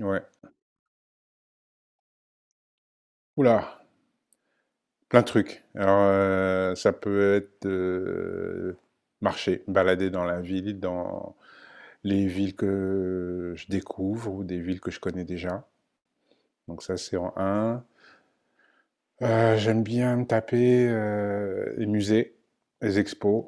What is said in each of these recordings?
Ouais. Oula, plein de trucs. Alors, ça peut être marcher, balader dans la ville, dans les villes que je découvre ou des villes que je connais déjà. Donc ça, c'est en un. J'aime bien me taper les musées, les expos.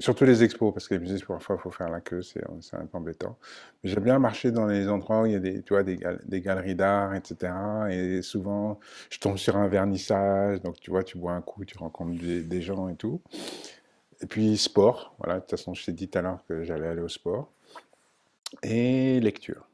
Surtout les expos, parce que les musées, parfois, il faut faire la queue, c'est un peu embêtant. Mais j'aime bien marcher dans les endroits où il y a des, tu vois, des galeries d'art, etc. Et souvent, je tombe sur un vernissage, donc tu vois, tu bois un coup, tu rencontres des gens et tout. Et puis, sport, voilà, de toute façon, je t'ai dit tout à l'heure que j'allais aller au sport. Et lecture.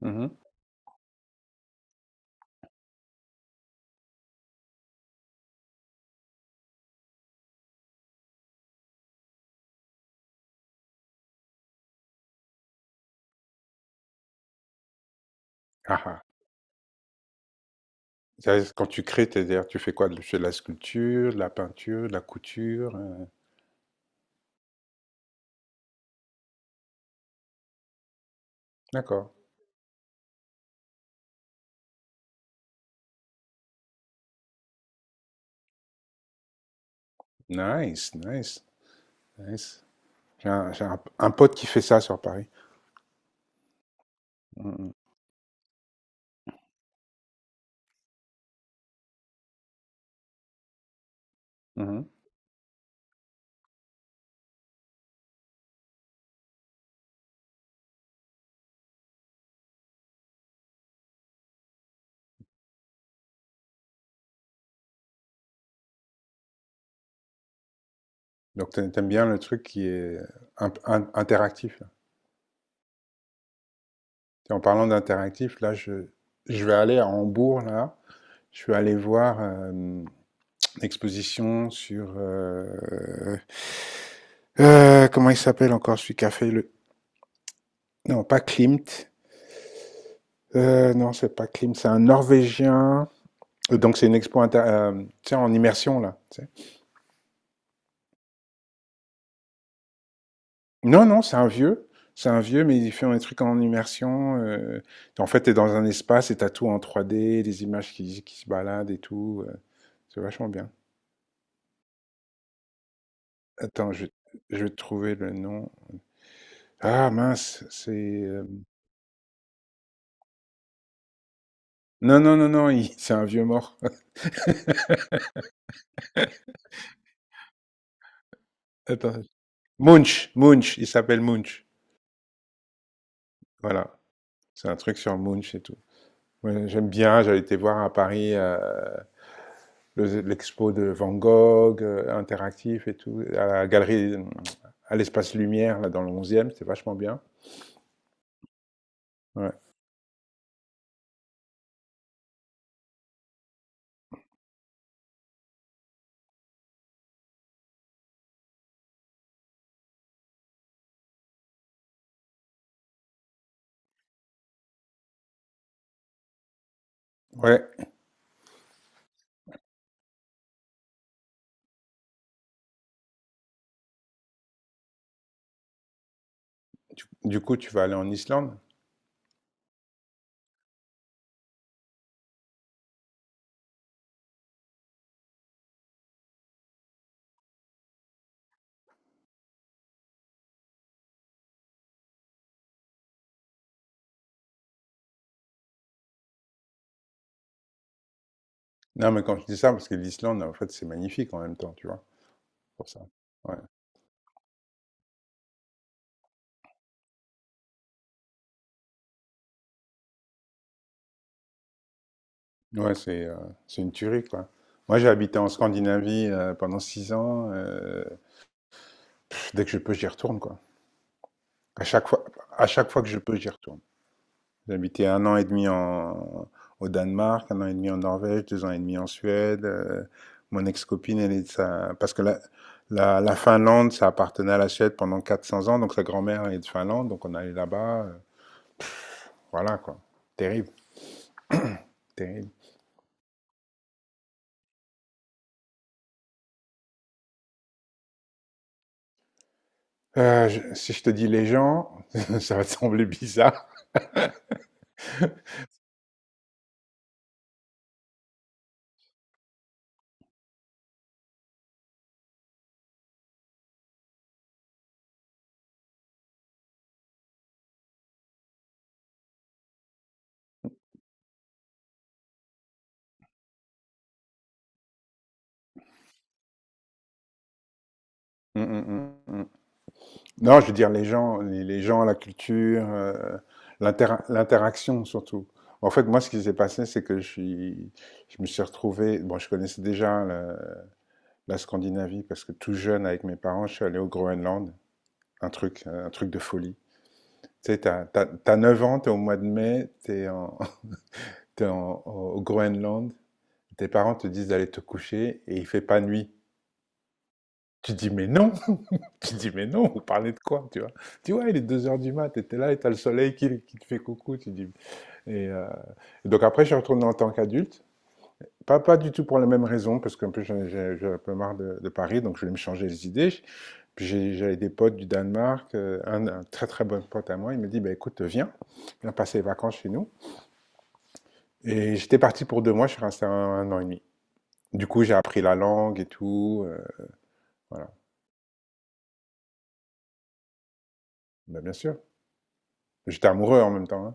Mhm. Ah, ah. Ça, c'est quand tu crées, c'est-à-dire, tu fais quoi? Tu fais de la sculpture, de la peinture, de la couture. D'accord. Nice, nice, nice. Un pote qui fait ça sur Paris. Mmh mh. Mmh. Donc tu aimes bien le truc qui est un p interactif, là? Tu en parlant d'interactif, là, je vais aller à Hambourg, là. Je suis allé voir, une exposition sur, comment il s'appelle encore celui qui a fait le, non, pas Klimt, non, c'est pas Klimt, c'est un Norvégien. Donc c'est une expo tu sais, en immersion, là. Non, non, c'est un vieux. C'est un vieux, mais il fait un truc en immersion. En fait, t'es dans un espace et t'as tout en 3D, des images qui se baladent et tout. C'est vachement bien. Attends, je vais trouver le nom. Ah mince, c'est... euh, Non, non, non, non, il- c'est un vieux mort. Attends. Munch, Munch, il s'appelle Munch. Voilà, c'est un truc sur Munch et tout. Ouais, j'aime bien, j'avais été voir à Paris l'expo de Van Gogh, interactif et tout, à la galerie, à l'espace Lumière, là, dans le onzième e c'était vachement bien. Ouais. Ouais. Du coup, tu vas aller en Islande. Non, mais quand je dis ça, parce que l'Islande, en fait, c'est magnifique en même temps, tu vois, pour ça. Ouais, ouais c'est euh, c'est une tuerie, quoi. Moi, j'ai habité en Scandinavie pendant 6 ans. Pff, dès que je peux, j'y retourne, quoi. À chaque fois, à chaque fois que je peux, j'y retourne. J'ai habité un an et demi en, Au Danemark, 1 an et demi en Norvège, 2 ans et demi en Suède. Mon ex-copine, elle est de sa... Parce que la Finlande, ça appartenait à la Suède pendant 400 ans, donc sa grand-mère est de Finlande, donc on allait là-bas. Voilà, quoi. Terrible, terrible. Si je te dis les gens, ça va te sembler bizarre. Mm, mm, mm, mm. Non, je veux dire les gens, les gens, la culture, l'interaction surtout. En fait, moi, ce qui s'est passé, c'est je me suis retrouvé. Bon, je connaissais déjà la Scandinavie parce que tout jeune, avec mes parents, je suis allé au Groenland. Un truc de folie. Tu sais, t'as 9 ans, t'es au mois de mai, t'es en, au Groenland. Tes parents te disent d'aller te coucher et il fait pas nuit. Tu dis mais non, tu dis, mais non, vous parlez de quoi, tu vois? Tu vois, il est 2 heures du mat, t'étais là et t'as le soleil qui te fait coucou, tu dis. Et, euh, et donc après, je suis retourné en tant qu'adulte. Pas, pas du tout pour la même raison, parce qu'un peu, j'en ai- j'ai un peu marre de Paris, donc je voulais me changer les idées. J'avais des potes du Danemark, un très très bon pote à moi, il me dit, bah, écoute, viens, viens passer les vacances chez nous. Et j'étais parti pour 2 mois, je suis resté 1 an et demi. Du coup, j'ai appris la langue et tout, voilà. Bah, bien sûr, j'étais amoureux en même temps, hein.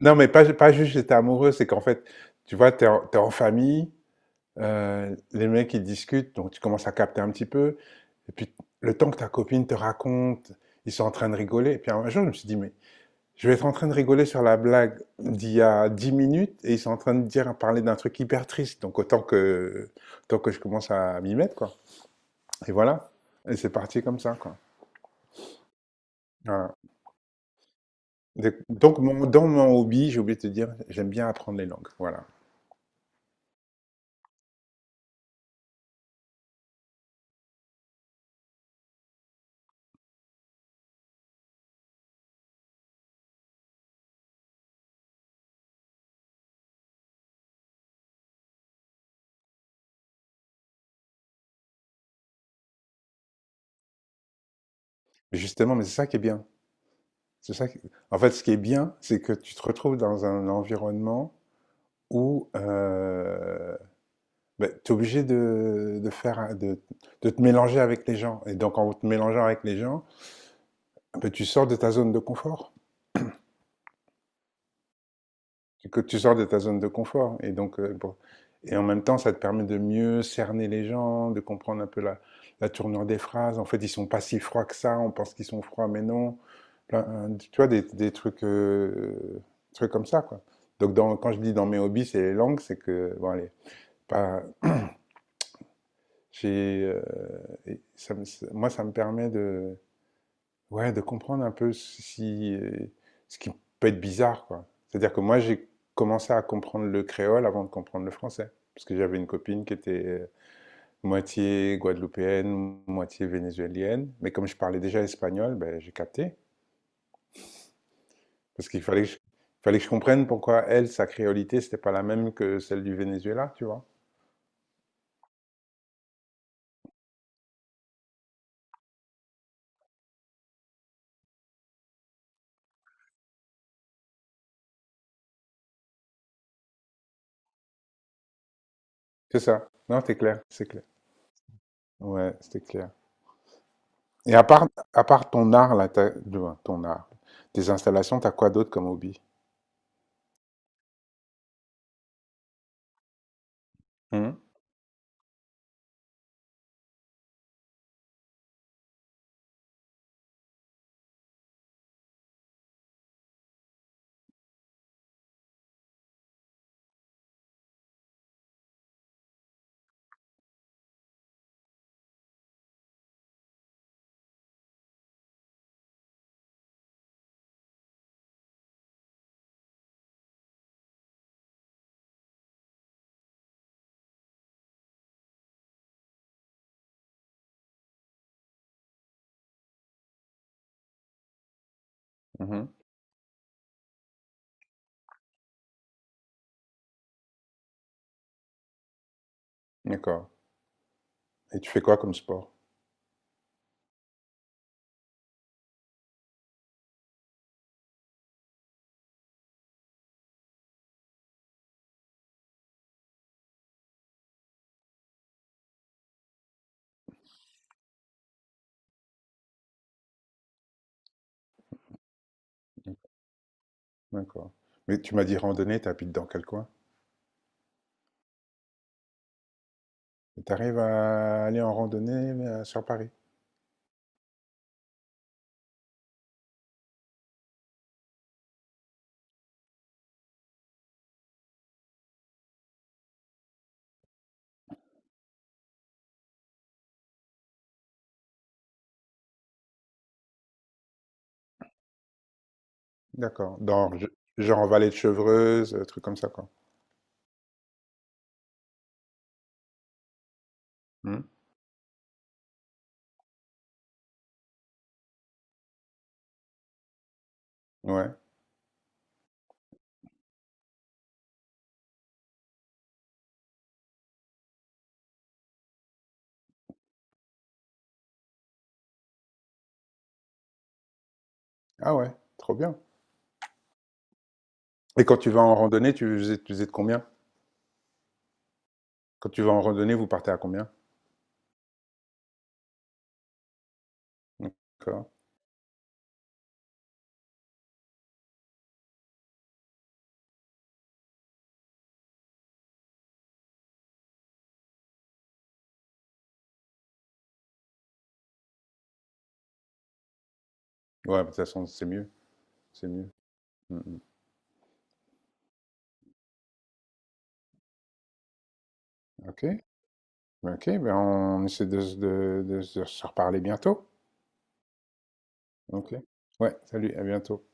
Non, mais pas, pas juste j'étais amoureux, c'est qu'en fait, tu vois, t'es en famille, les mecs ils discutent, donc tu commences à capter un petit peu, et puis le temps que ta copine te raconte, ils sont en train de rigoler, et puis un jour je me suis dit, mais je vais être en train de rigoler sur la blague d'il y a 10 minutes, et ils sont en train de dire, parler d'un truc hyper triste, donc autant que je commence à m'y mettre, quoi. Et voilà, et c'est parti comme ça, quoi. Voilà. Donc, dans mon hobby, j'ai oublié de te dire, j'aime bien apprendre les langues, voilà. Justement, mais c'est ça qui est bien. C'est ça qui- En fait, ce qui est bien, c'est que tu te retrouves dans un environnement où ben, tu es obligé de faire, de te mélanger avec les gens. Et donc, en te mélangeant avec les gens, ben, tu sors de ta zone de confort. Que tu sors de ta zone de confort. Et donc, et en même temps, ça te permet de mieux cerner les gens, de comprendre un peu la tournure des phrases. En fait, ils ne sont pas si froids que ça. On pense qu'ils sont froids, mais non. Tu vois, des trucs, trucs comme ça, quoi. Donc, quand je dis dans mes hobbies, c'est les langues, c'est que, bon, allez, pas, j'ai, ça me- moi, ça me permet de, ouais, de comprendre un peu si, ce qui peut être bizarre, quoi. C'est-à-dire que moi, j'ai commencé à comprendre le créole avant de comprendre le français. Parce que j'avais une copine qui était moitié guadeloupéenne, moitié vénézuélienne. Mais comme je parlais déjà espagnol, ben, j'ai capté. Parce qu'il fallait que je comprenne pourquoi elle, sa créolité, c'était pas la même que celle du Venezuela, tu vois. C'est ça. Non, c'est clair, c'est clair. Ouais, c'était clair. Et à part ton art, là, ton art, tes installations, t'as quoi d'autre comme hobby? Mhm, mhm. D'accord. Et tu fais quoi comme sport? Mmh, d'accord. Mais tu m'as dit randonnée, tu habites dans quel coin? Tu arrives à aller en randonnée sur Paris? D'accord. Genre en vallée de Chevreuse, truc comme ça, quoi. Mmh. Ouais. Ah ouais, trop bien. Et quand tu vas en randonnée, tu faisais de combien? Quand tu vas en randonnée, vous partez à combien? D'accord. Ouais, de toute façon, c'est mieux. C'est mieux. Mm, mm. Ok. Ok, ben on essaie de se reparler bientôt. Ok. Ouais, salut, à bientôt.